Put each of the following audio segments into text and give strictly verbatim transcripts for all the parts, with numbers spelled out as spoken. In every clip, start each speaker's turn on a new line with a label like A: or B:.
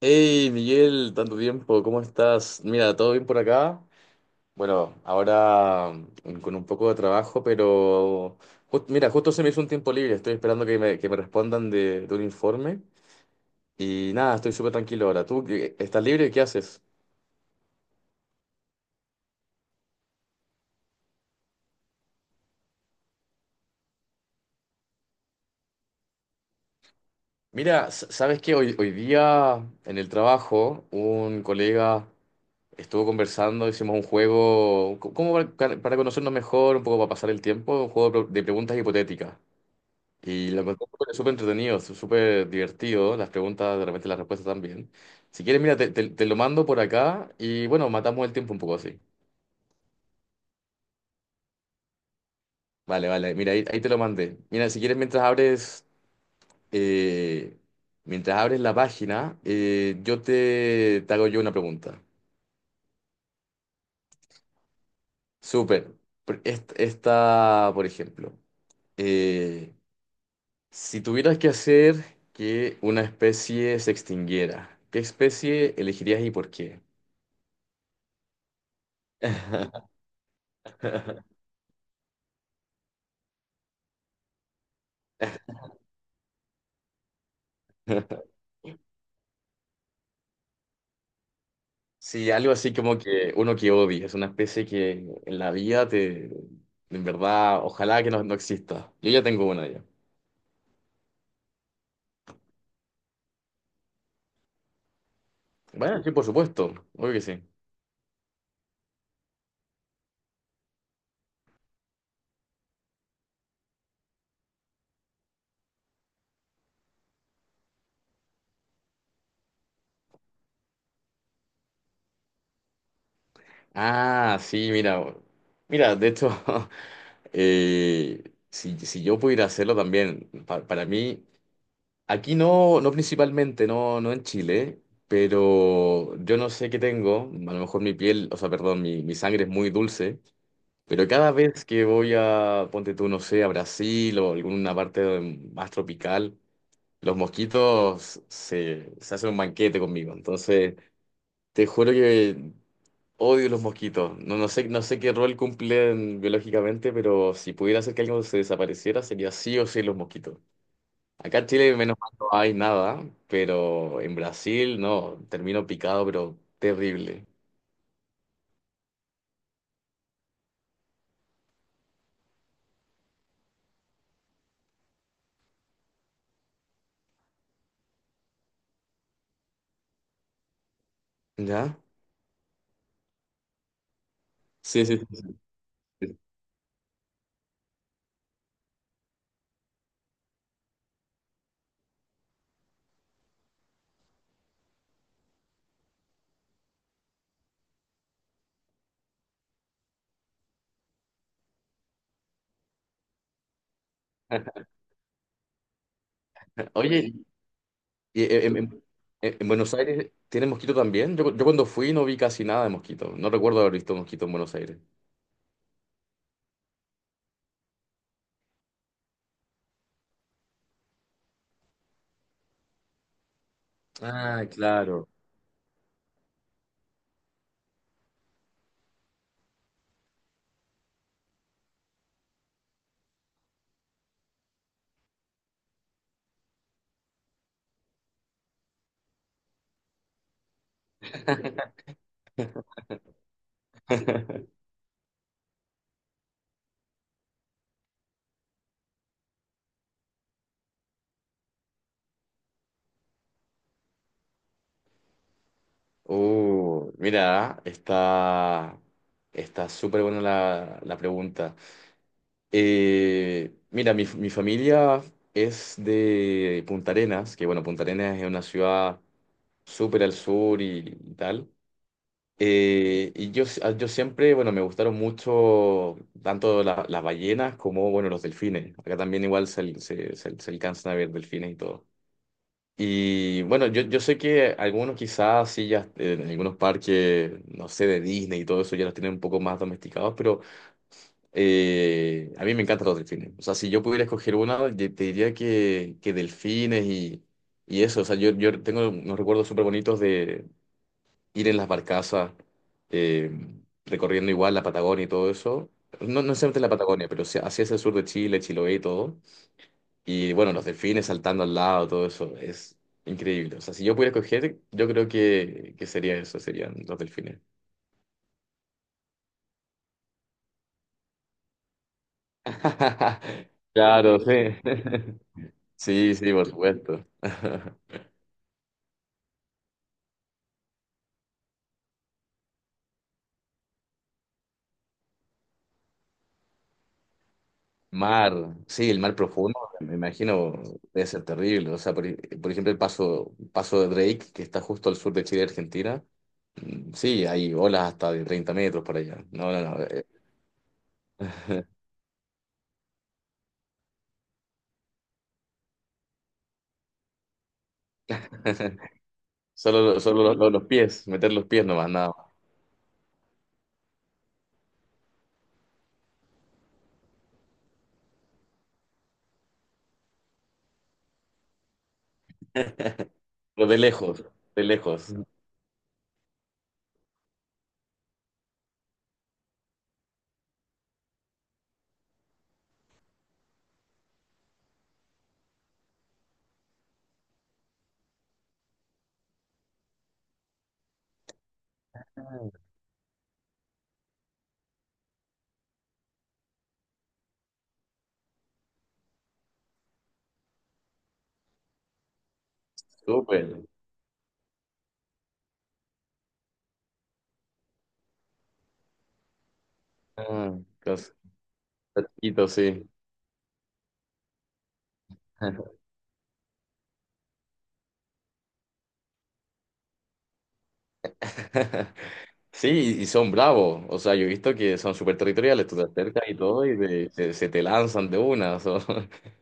A: Hey Miguel, tanto tiempo, ¿cómo estás? Mira, ¿todo bien por acá? Bueno, ahora mm, con un poco de trabajo, pero jus- mira, justo se me hizo un tiempo libre, estoy esperando que me, que me respondan de, de un informe y nada, estoy súper tranquilo ahora. ¿Tú qué- estás libre? ¿Qué haces? Mira, s- sabes que hoy, hoy día en el trabajo un colega estuvo conversando, hicimos un juego, co- como para, para conocernos mejor, un poco para pasar el tiempo, un juego de pre- de preguntas hipotéticas. Y lo encontré súper súper entretenido, sú- súper divertido, las preguntas, de repente las respuestas también. Si quieres, mira, te, te- te lo mando por acá y bueno, matamos el tiempo un poco así. Vale, vale, mira, ahí, ahí te lo mandé. Mira, si quieres, mientras abres, eh, mientras abres la página, eh, yo te, te hago yo una pregunta. Súper. Pr- est- Esta, por ejemplo, eh, si tuvieras que hacer que una especie se extinguiera, ¿qué especie elegirías y por qué? Sí, algo así como que uno que odia, es una especie que en la vida te, en verdad, ojalá que no, no exista. Yo ya tengo una ya. Bueno, sí, por supuesto, obvio que sí. Ah, sí, mira, mira, de hecho, eh, si, si yo pudiera hacerlo también, pa- para mí, aquí no, no principalmente, no, no en Chile, pero yo no sé qué tengo, a lo mejor mi piel, o sea, perdón, mi, mi sangre es muy dulce. Pero cada vez que voy a, ponte tú, no sé, a Brasil o alguna parte de- más tropical, los mosquitos se, se hacen un banquete conmigo. Entonces, te juro que odio los mosquitos. No, no sé, no sé qué rol cumplen biológicamente, pero si pudiera hacer que algo se desapareciera, sería sí o sí los mosquitos. Acá en Chile, menos mal, no hay nada, pero en Brasil, no, termino picado, pero terrible. ¿Ya? Sí, sí, sí. Oye, Y eh, en, en- eh, en- Buenos Aires tiene mosquito también. Yo, yo cuando fui no vi casi nada de mosquito. No recuerdo haber visto mosquito en Buenos Aires. Ah, claro. Uh, mira, está, está súper buena la, la pregunta. Eh, mira, mi, mi familia es de Punta Arenas, que bueno, Punta Arenas es una ciudad súper al sur y, y tal. Eh, y yo, s- ah, yo siempre, bueno, me gustaron mucho tanto la- las ballenas como, bueno, los delfines. Acá también igual se, al- se, se, se alcanzan a ver delfines y todo. Y bueno, yo, yo sé que algunos quizás sí ya eh, en algunos parques, no sé, de Disney y todo eso ya los tienen un poco más domesticados, pero eh, a mí me encantan los delfines. O sea, si yo pudiera escoger una, yo te diría que, que delfines y, y eso. O sea, yo, yo tengo unos recuerdos súper bonitos ir en las barcazas, eh, recorriendo igual la Patagonia y todo eso. No, no necesariamente la Patagonia, pero sí hacia el sur de Chile, Chiloé y todo. Y bueno, los delfines saltando al lado, todo eso es increíble. O sea, si yo pudiera escoger, yo creo que, que sería eso, serían los delfines. Claro, sí. Sí, sí, por supuesto. Mar, sí, el mar profundo, me imagino, debe ser terrible. O sea, por, por ejemplo, el paso, paso de Drake, que está justo al sur de Chile y Argentina. Sí, hay olas hasta de treinta metros por allá. No, no, no. eh. Solo, solo los, los- los pies, meter los pies nomás, nada más. Pero de lejos, de lejos. Súper. Ah, cos- cerquito, sí. Sí, y y son bravos. O sea, yo he visto que son súper territoriales. Tú te acercas y todo y te- se, se te lanzan de una. son-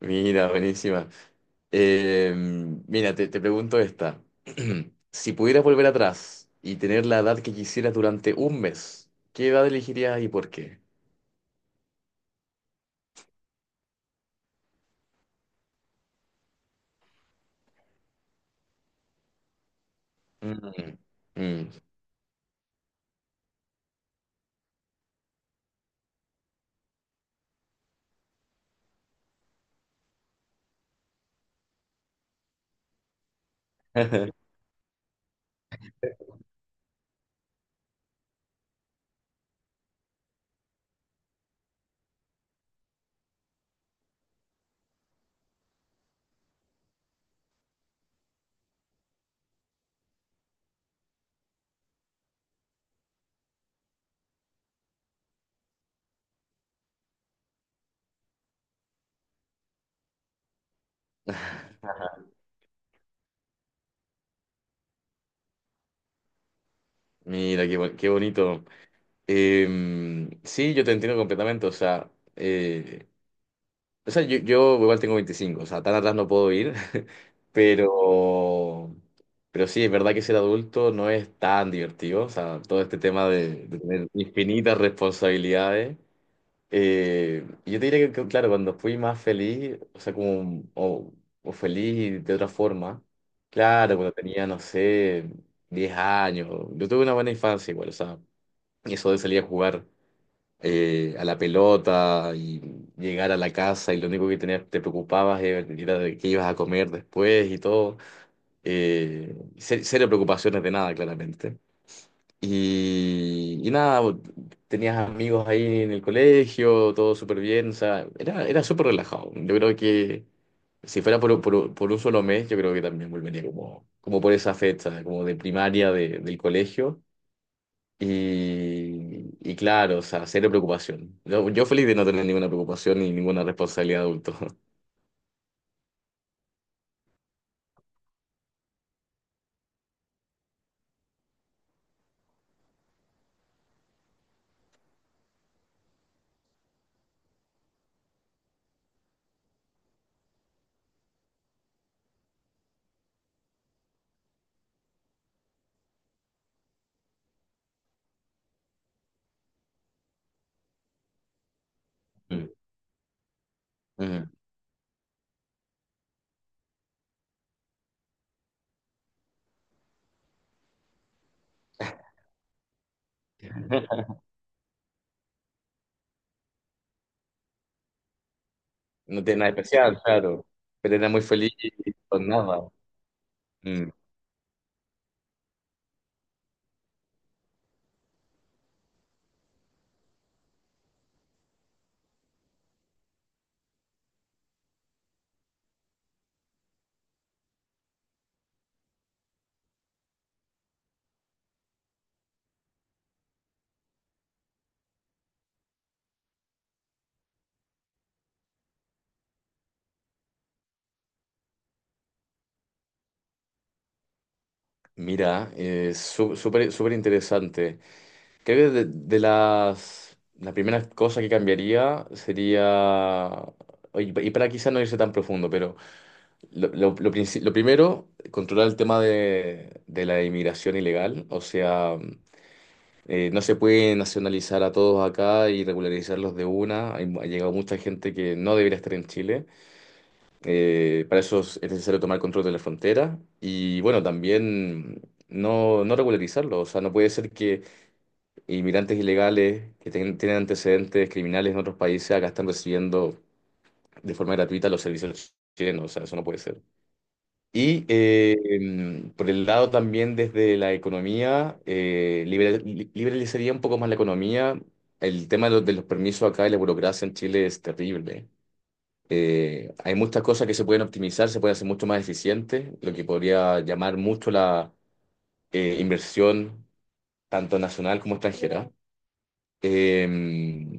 A: Mira, buenísima. Eh, mira, te, te pregunto esta. Si pudieras volver atrás y tener la edad que quisieras durante un mes, ¿qué edad elegirías y por qué? Mm, mm. Mira, qué, bo- qué bonito. Em, sí, yo te entiendo completamente. O sea, eh, o sea yo, yo igual tengo veinticinco, o sea, tan atrás no puedo ir, pero, pero sí, es verdad que ser adulto no es tan divertido. O sea, todo este tema de, de tener infinitas responsabilidades. Eh, yo te diría que, claro, cuando fui más feliz, o sea, como, o, o feliz de otra forma, claro, cuando tenía, no sé, diez años, yo tuve una buena infancia igual, o sea, y eso de salir a jugar eh, a la pelota y llegar a la casa y lo único que tenías, te preocupabas era era de qué ibas a comer después y todo, eh, ce- cero preocupaciones de nada, claramente. Y, y nada, bo- tenías amigos ahí en el colegio, todo súper bien, o sea, era, era súper relajado. Yo creo que si fuera por, por- por un solo mes, yo creo que también volvería como, como, por esa fecha, como de primaria de- del colegio. Y, y claro, o sea, cero preocupación. Yo, yo feliz de no tener ninguna preocupación ni ninguna responsabilidad de adulto. Mm. Ujú. No tiene nada especial, claro, pero era muy feliz con nada. Mira, es súper súper interesante. Creo que de, de las la primera cosa que cambiaría sería, oye, y para quizá no irse tan profundo, pero lo, lo- lo princi- lo primero, controlar el tema de, de la inmigración ilegal. O sea, eh, no se puede nacionalizar a todos acá y regularizarlos de una. Hay ha llegado mucha gente que no debería estar en Chile. Eh, para eso es es necesario tomar control de la frontera y bueno, también no, no regularizarlo. O sea, no puede ser que inmigrantes ilegales que ten- tienen antecedentes criminales en otros países acá están recibiendo de forma gratuita los servicios chilenos. O sea, eso no puede ser. Y eh, em, por el lado también desde la economía, eh, libera- li- liberalizaría un poco más la economía. El tema de los, de los permisos acá y la burocracia en Chile es terrible. Eh, hay muchas cosas que se pueden optimizar, se puede hacer mucho más eficiente, lo que podría llamar mucho la eh, inversión, tanto nacional como extranjera. Eh,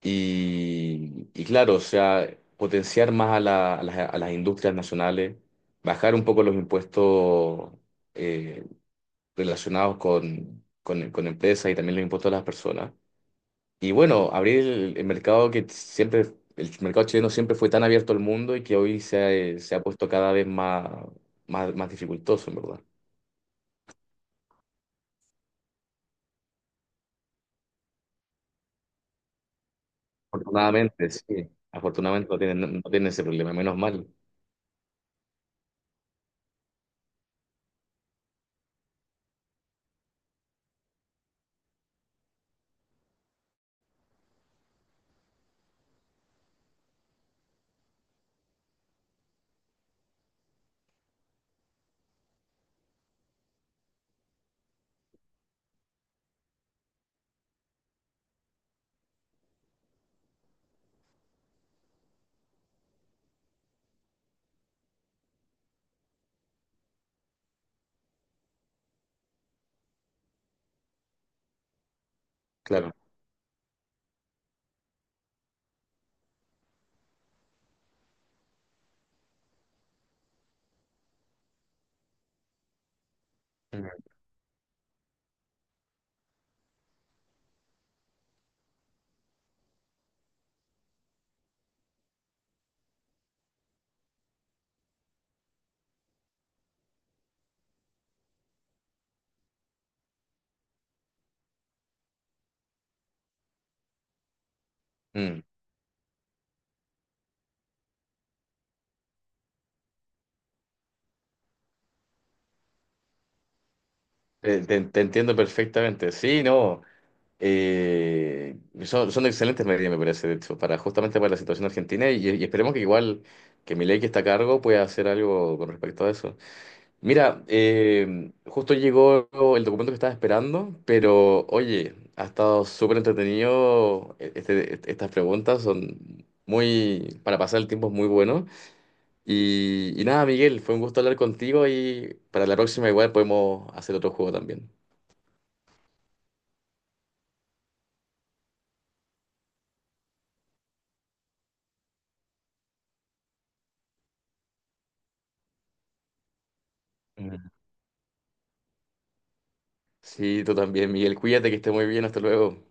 A: y, y claro, o sea, potenciar más a, la- a las, a las industrias nacionales, bajar un poco los impuestos eh, relacionados con, con, con empresas y también los impuestos a las personas. Y bueno, abrir el, el mercado que siempre, el mercado chileno siempre fue tan abierto al mundo y que hoy se ha, eh, se ha puesto cada vez más, más, más, dificultoso, en verdad. Afortunadamente, sí. Afortunadamente no tienen, no tienen ese problema, menos mal, claro. Mm, mm. Te, te- te entiendo perfectamente. Sí, no. eh, son, son excelentes medidas, me parece, de hecho, para justamente para la situación argentina y, y esperemos que igual que Milei que está a cargo pueda hacer algo con respecto a eso. Mira, eh, justo llegó el documento que estaba esperando, pero oye, ha estado súper entretenido. Este- este- estas preguntas son muy, para pasar el tiempo es muy bueno. Y, y nada, Miguel, fue un gusto hablar contigo y para la próxima igual podemos hacer otro juego también. Mm. Sí, tú también, Miguel, cuídate que esté muy bien, hasta luego.